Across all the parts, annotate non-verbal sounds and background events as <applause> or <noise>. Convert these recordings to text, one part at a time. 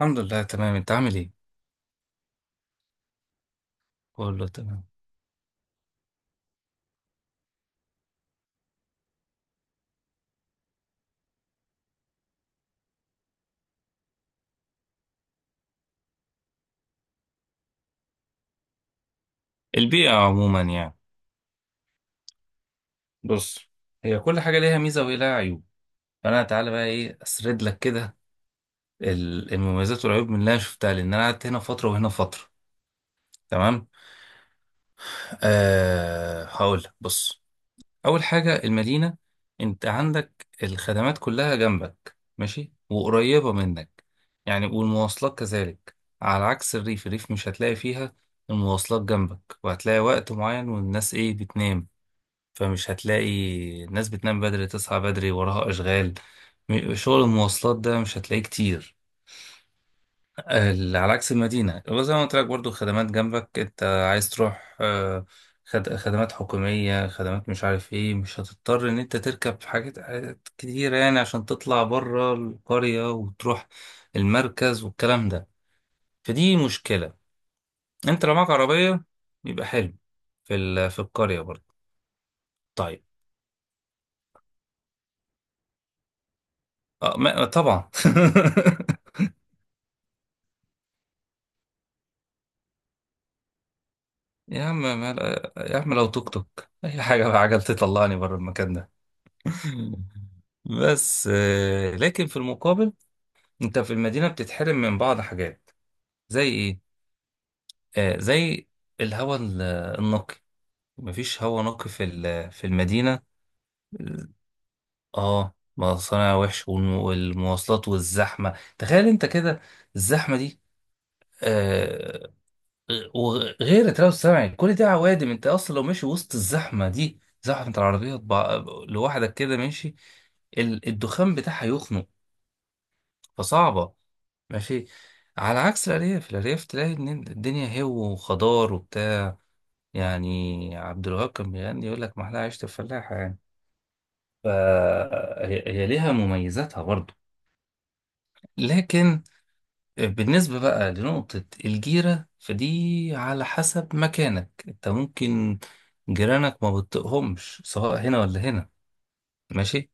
الحمد لله تمام، انت عامل ايه؟ كله تمام. البيئة عموما يعني؟ بص، هي كل حاجة ليها ميزة وليها عيوب. فانا تعالى بقى ايه اسرد لك كده المميزات والعيوب من اللي انا شفتها، لان انا قعدت هنا فترة وهنا فترة. تمام. هقول لك، بص، اول حاجة المدينة، انت عندك الخدمات كلها جنبك ماشي وقريبة منك، يعني، والمواصلات كذلك. على عكس الريف، الريف مش هتلاقي فيها المواصلات جنبك، وهتلاقي وقت معين والناس ايه بتنام، فمش هتلاقي. الناس بتنام بدري، تصحى بدري وراها أشغال. شغل المواصلات ده مش هتلاقيه كتير. على عكس المدينة، وزي ما قلت لك برضو خدمات جنبك، انت عايز تروح خدمات حكومية، خدمات مش عارف ايه، مش هتضطر ان انت تركب حاجات كتيرة يعني عشان تطلع بره القرية وتروح المركز والكلام ده. فدي مشكلة. انت لو معاك عربية يبقى حلو في في القرية برضه. طيب. اه طبعا <laughs> يا عم مال... يا عم لو توك توك اي حاجه بقى، عجل تطلعني بره المكان ده. <laughs> بس لكن في المقابل، انت في المدينه بتتحرم من بعض حاجات. زي ايه؟ زي الهواء النقي. مفيش هواء نقي في في المدينه. اه، مصانع وحش والمواصلات والزحمه، تخيل انت كده الزحمه دي. آه، وغير تلوث سمعي، كل ده عوادم. انت اصلا لو ماشي وسط الزحمه دي، زحمه العربيات، لوحدك كده ماشي، الدخان بتاعها يخنق. فصعبه ماشي. على عكس الارياف، الارياف تلاقي ان الدنيا هو وخضار وبتاع. يعني عبد الوهاب كان بيغني يقول لك محلاها عيشه الفلاحه يعني. فهي ليها مميزاتها برضو. لكن بالنسبة بقى لنقطة الجيرة، فدي على حسب مكانك انت. ممكن جيرانك ما بتطقهمش، سواء هنا ولا هنا. ماشي.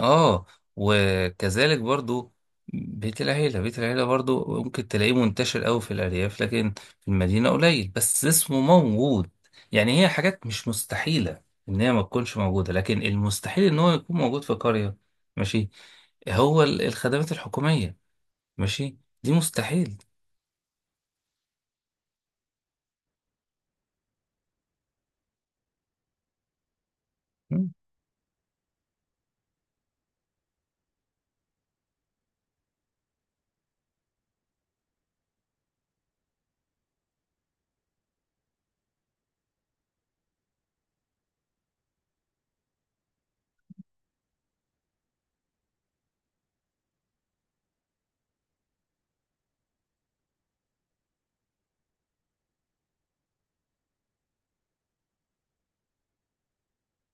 اه. وكذلك برضو، بيت العيلة، برضو ممكن تلاقيه منتشر قوي في الأرياف، لكن في المدينة قليل، بس اسمه موجود. يعني هي حاجات مش مستحيلة إن هي ما تكونش موجودة، لكن المستحيل إن هو يكون موجود في قرية. ماشي. هو الخدمات الحكومية. ماشي. دي مستحيل.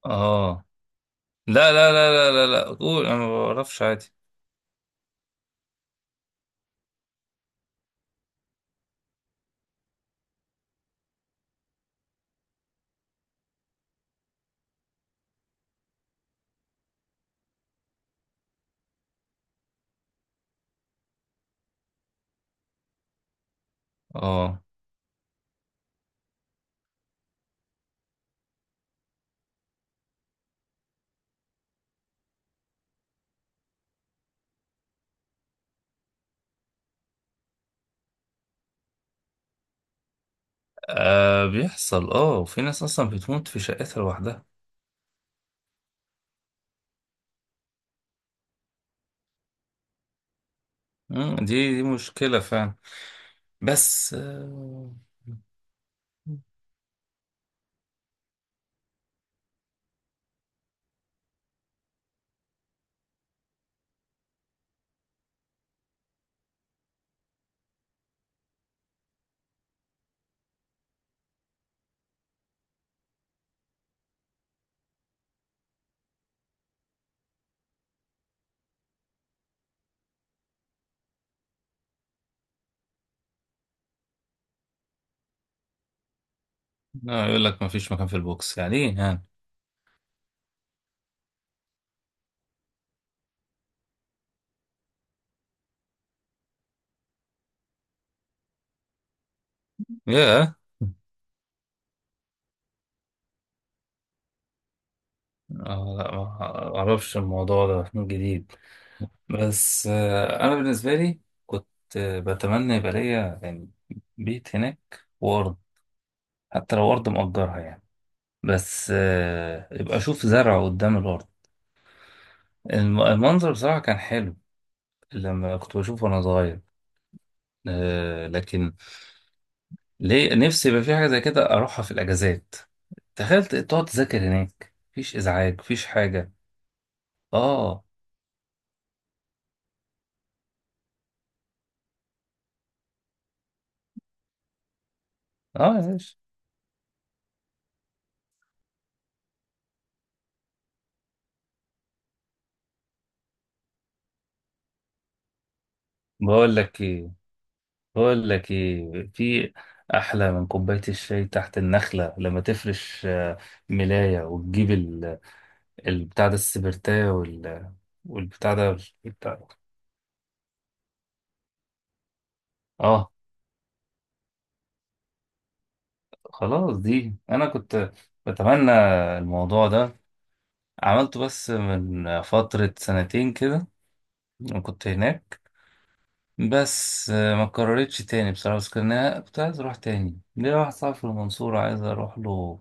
اه. لا، قول انا ما بعرفش عادي. اه. بيحصل، اه، وفي ناس اصلا بتموت في شقتها لوحدها. مم، دي مشكلة فعلا. بس آه. لا، يقول لك ما فيش مكان في البوكس، يعني ايه يعني؟ ياه. آه، لا ما اعرفش الموضوع ده من جديد. بس آه، انا بالنسبة لي كنت بتمنى يبقى ليا يعني بيت هناك وارض، حتى لو ارض مأجرها يعني، بس آه يبقى اشوف زرع قدام الارض. المنظر بصراحة كان حلو لما كنت بشوفه وأنا صغير. آه، لكن ليه، نفسي يبقى في حاجة زي كده أروحها في الأجازات. تخيل تقعد تذاكر هناك، مفيش إزعاج مفيش حاجة. آه. آه يا باشا. بقول لك إيه، في أحلى من كوباية الشاي تحت النخلة، لما تفرش ملاية، وتجيب البتاع ده، السبرتاية، والبتاع ده، بتاع، آه. خلاص دي أنا كنت بتمنى. الموضوع ده عملته بس من فترة سنتين كده، كنت هناك. بس ما كررتش تاني بصراحة. بس كان أنا كنت عايز أروح تاني، ليا واحد صاحبي في المنصورة عايز أروح له.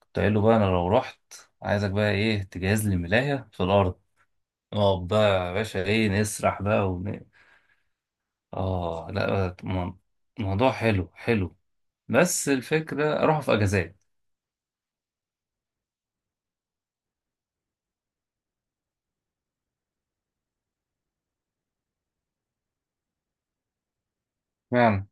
كنت قايل له بقى، أنا لو رحت عايزك بقى إيه تجهز لي ملاية في الأرض، نقعد بقى يا باشا إيه نسرح بقى ون... آه لا موضوع حلو بس الفكرة أروح في أجازات يعني.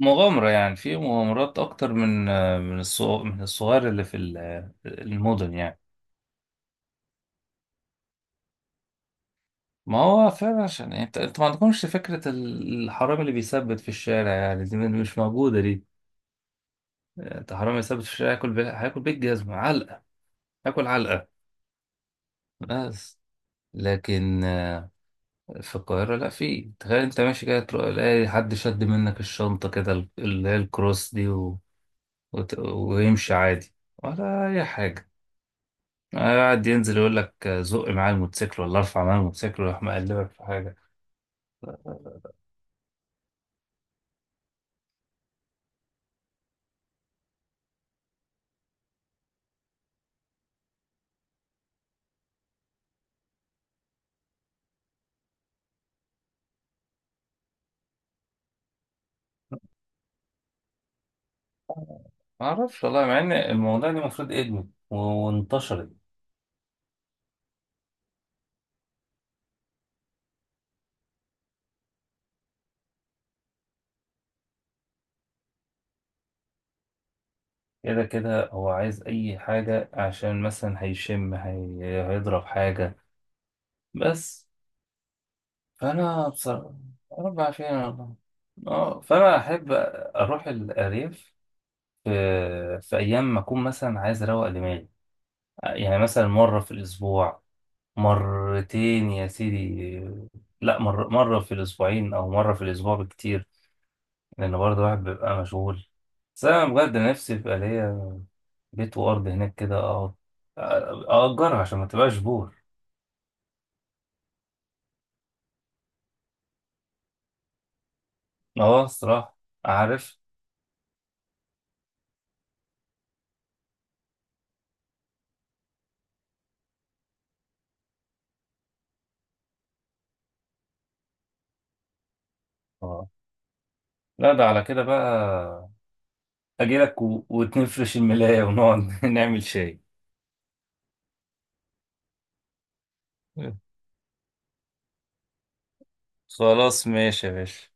مغامرة يعني، في مغامرات أكتر من من الصغ... من الصغير اللي في المدن يعني. ما هو فعلا، عشان يعني انت ما عندكمش فكرة الحرامي اللي بيثبت في الشارع يعني، دي مش موجودة دي. انت حرامي يثبت في الشارع هياكل بيه، جزمة علقة، هياكل علقة. بس. لكن في القاهرة لا، في تخيل انت ماشي كده، تروح تلاقي حد شد منك الشنطة كده، اللي هي الكروس دي و... وت... ويمشي عادي، ولا أي حاجة. قاعد ينزل يقول لك زق معايا الموتوسيكل، ولا ارفع معايا الموتوسيكل، ويروح مقلبك في حاجة. ما اعرفش والله، مع ان الموضوع ده المفروض ادمي وانتشرت. كده كده هو عايز اي حاجة عشان مثلا هيشم، هي... هيضرب حاجة. بس. فانا بصراحة، رب عافية والله. اه، فانا احب اروح الارياف في... في ايام ما اكون مثلا عايز اروق دماغي. يعني مثلا مرة في الاسبوع، مرتين يا سيدي. لا مر... مرة في الاسبوعين او مرة في الاسبوع بكتير، لأن برضه الواحد بيبقى مشغول. بس أنا بجد نفسي يبقى ليا بيت وأرض هناك كده، أقعد أأجرها عشان ما تبقاش بور. أه الصراحة. عارف. اه. لا ده على كده بقى أجيلك و... وتنفرش الملاية ونقعد <laughs> نعمل شاي. خلاص ماشي يا باشا.